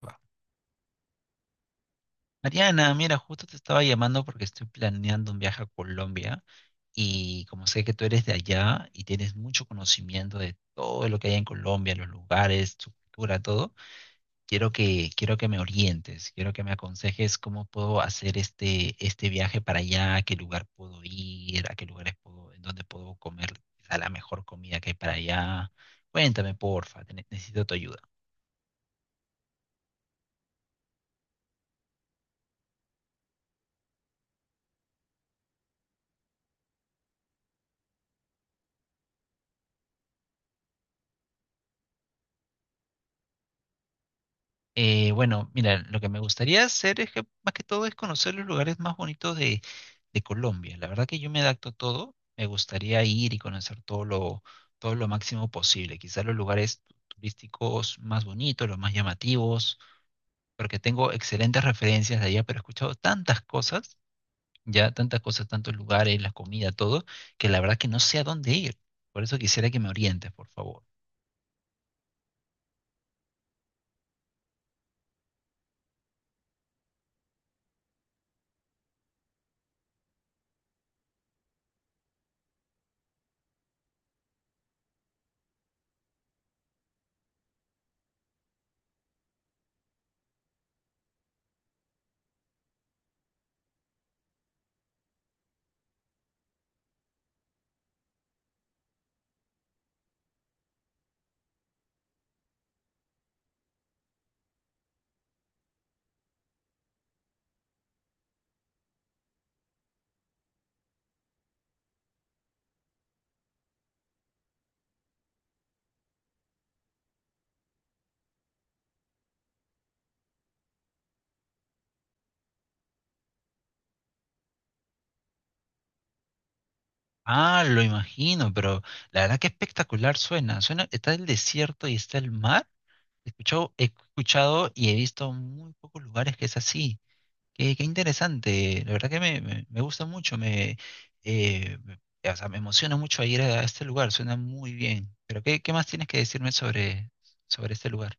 Va. Mariana, mira, justo te estaba llamando porque estoy planeando un viaje a Colombia y como sé que tú eres de allá y tienes mucho conocimiento de todo lo que hay en Colombia, los lugares, su cultura, todo, quiero que me orientes, quiero que me aconsejes cómo puedo hacer este viaje para allá, a qué lugar puedo ir, a qué lugares puedo, en dónde puedo comer quizá la mejor comida que hay para allá. Cuéntame, porfa, necesito tu ayuda. Bueno, mira, lo que me gustaría hacer es que más que todo es conocer los lugares más bonitos de Colombia. La verdad que yo me adapto a todo, me gustaría ir y conocer todo lo máximo posible. Quizás los lugares turísticos más bonitos, los más llamativos, porque tengo excelentes referencias de allá, pero he escuchado tantas cosas, ya tantas cosas, tantos lugares, la comida, todo, que la verdad que no sé a dónde ir. Por eso quisiera que me orientes, por favor. Ah, lo imagino, pero la verdad que espectacular suena. Suena, está el desierto y está el mar. He escuchado y he visto muy pocos lugares que es así. Qué, qué interesante. La verdad que me gusta mucho. Eh, me- o sea, me emociona mucho ir a este lugar. Suena muy bien. Pero ¿qué, qué más tienes que decirme sobre este lugar?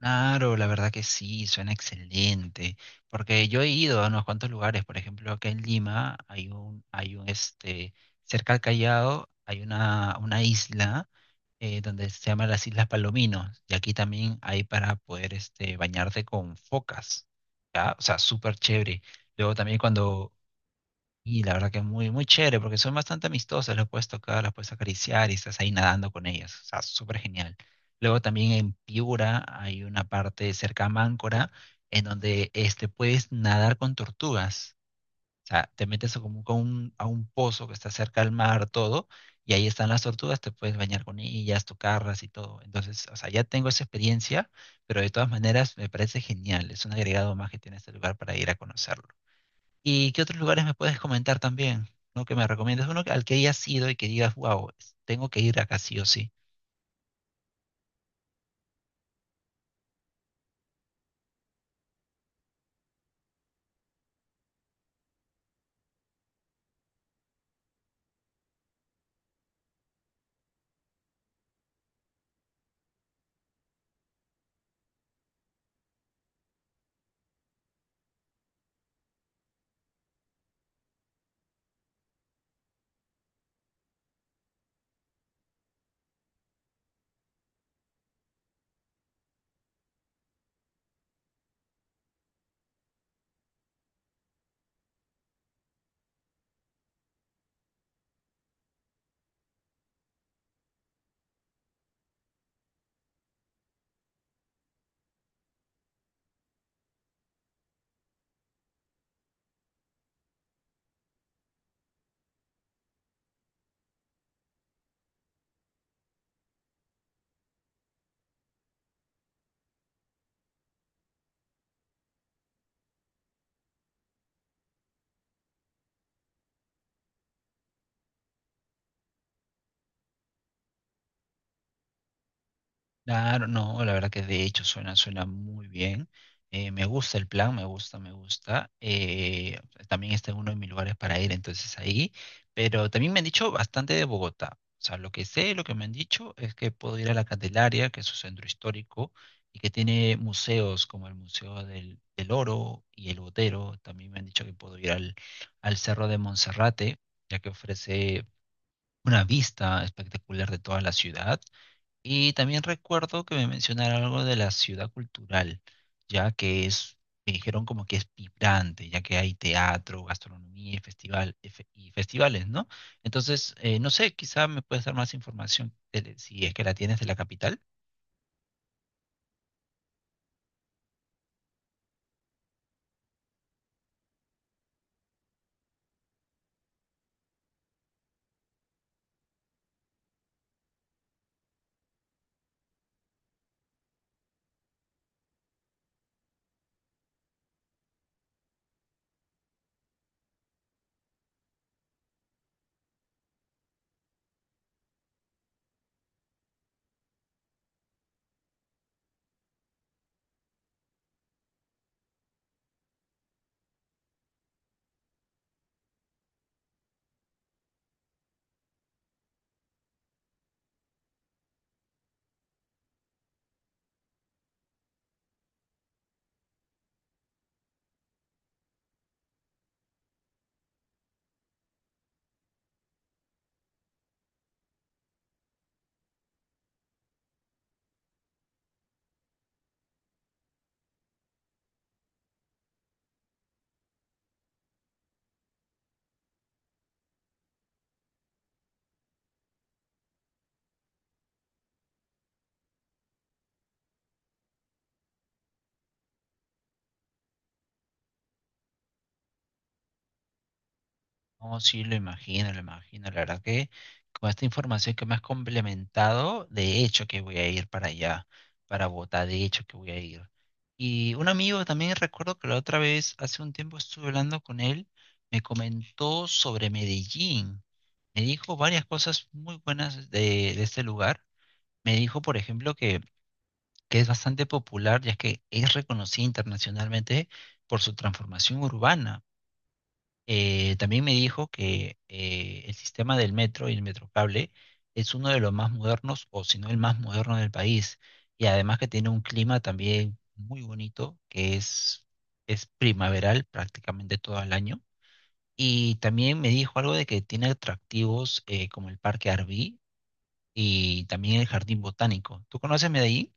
Claro, la verdad que sí, suena excelente. Porque yo he ido a unos cuantos lugares, por ejemplo, acá en Lima hay un, cerca al Callao hay una isla donde se llama las Islas Palominos. Y aquí también hay para poder, este, bañarte con focas, ¿ya? O sea, súper chévere. Luego también cuando y la verdad que es muy chévere porque son bastante amistosas, las puedes tocar, las puedes acariciar y estás ahí nadando con ellas. O sea, súper genial. Luego también en Piura hay una parte cerca a Máncora en donde este, puedes nadar con tortugas. O sea, te metes a a un pozo que está cerca al mar, todo, y ahí están las tortugas, te puedes bañar con ellas, tocarlas y todo. Entonces, o sea, ya tengo esa experiencia, pero de todas maneras me parece genial. Es un agregado más que tiene este lugar para ir a conocerlo. ¿Y qué otros lugares me puedes comentar también? ¿No? Que me recomiendas uno al que hayas ido y que digas, wow, tengo que ir acá sí o sí. Claro, no, la verdad que de hecho suena, suena muy bien. Me gusta el plan, me gusta, me gusta. También está en uno de mis lugares para ir, entonces ahí. Pero también me han dicho bastante de Bogotá. O sea, lo que sé, lo que me han dicho es que puedo ir a la Candelaria, que es su centro histórico, y que tiene museos como el Museo del Oro y el Botero. También me han dicho que puedo ir al Cerro de Monserrate, ya que ofrece una vista espectacular de toda la ciudad y también recuerdo que me mencionaron algo de la ciudad cultural, ya que es, me dijeron como que es vibrante, ya que hay teatro, gastronomía y y festivales, ¿no? Entonces, no sé, quizá me puedes dar más información si es que la tienes de la capital. No, sí, lo imagino, lo imagino. La verdad que con esta información que me has complementado, de hecho que voy a ir para allá, para Bogotá, de hecho que voy a ir. Y un amigo también recuerdo que la otra vez, hace un tiempo estuve hablando con él, me comentó sobre Medellín. Me dijo varias cosas muy buenas de este lugar. Me dijo, por ejemplo, que es bastante popular, ya que es reconocida internacionalmente por su transformación urbana. También me dijo que el sistema del metro y el metrocable es uno de los más modernos, o si no el más moderno del país, y además que tiene un clima también muy bonito, que es primaveral prácticamente todo el año. Y también me dijo algo de que tiene atractivos como el Parque Arví y también el Jardín Botánico. ¿Tú conoces Medellín?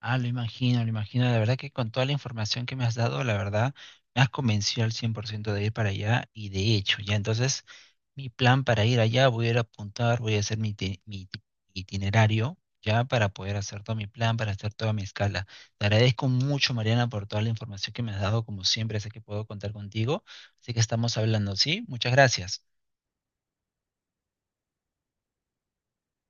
Ah, lo imagino, lo imagino. La verdad que con toda la información que me has dado, la verdad, me has convencido al 100% de ir para allá y de hecho, ya entonces mi plan para ir allá, voy a ir a apuntar, voy a hacer mi itinerario, ya para poder hacer todo mi plan, para hacer toda mi escala. Te agradezco mucho, Mariana, por toda la información que me has dado, como siempre, sé que puedo contar contigo, así que estamos hablando, ¿sí? Muchas gracias.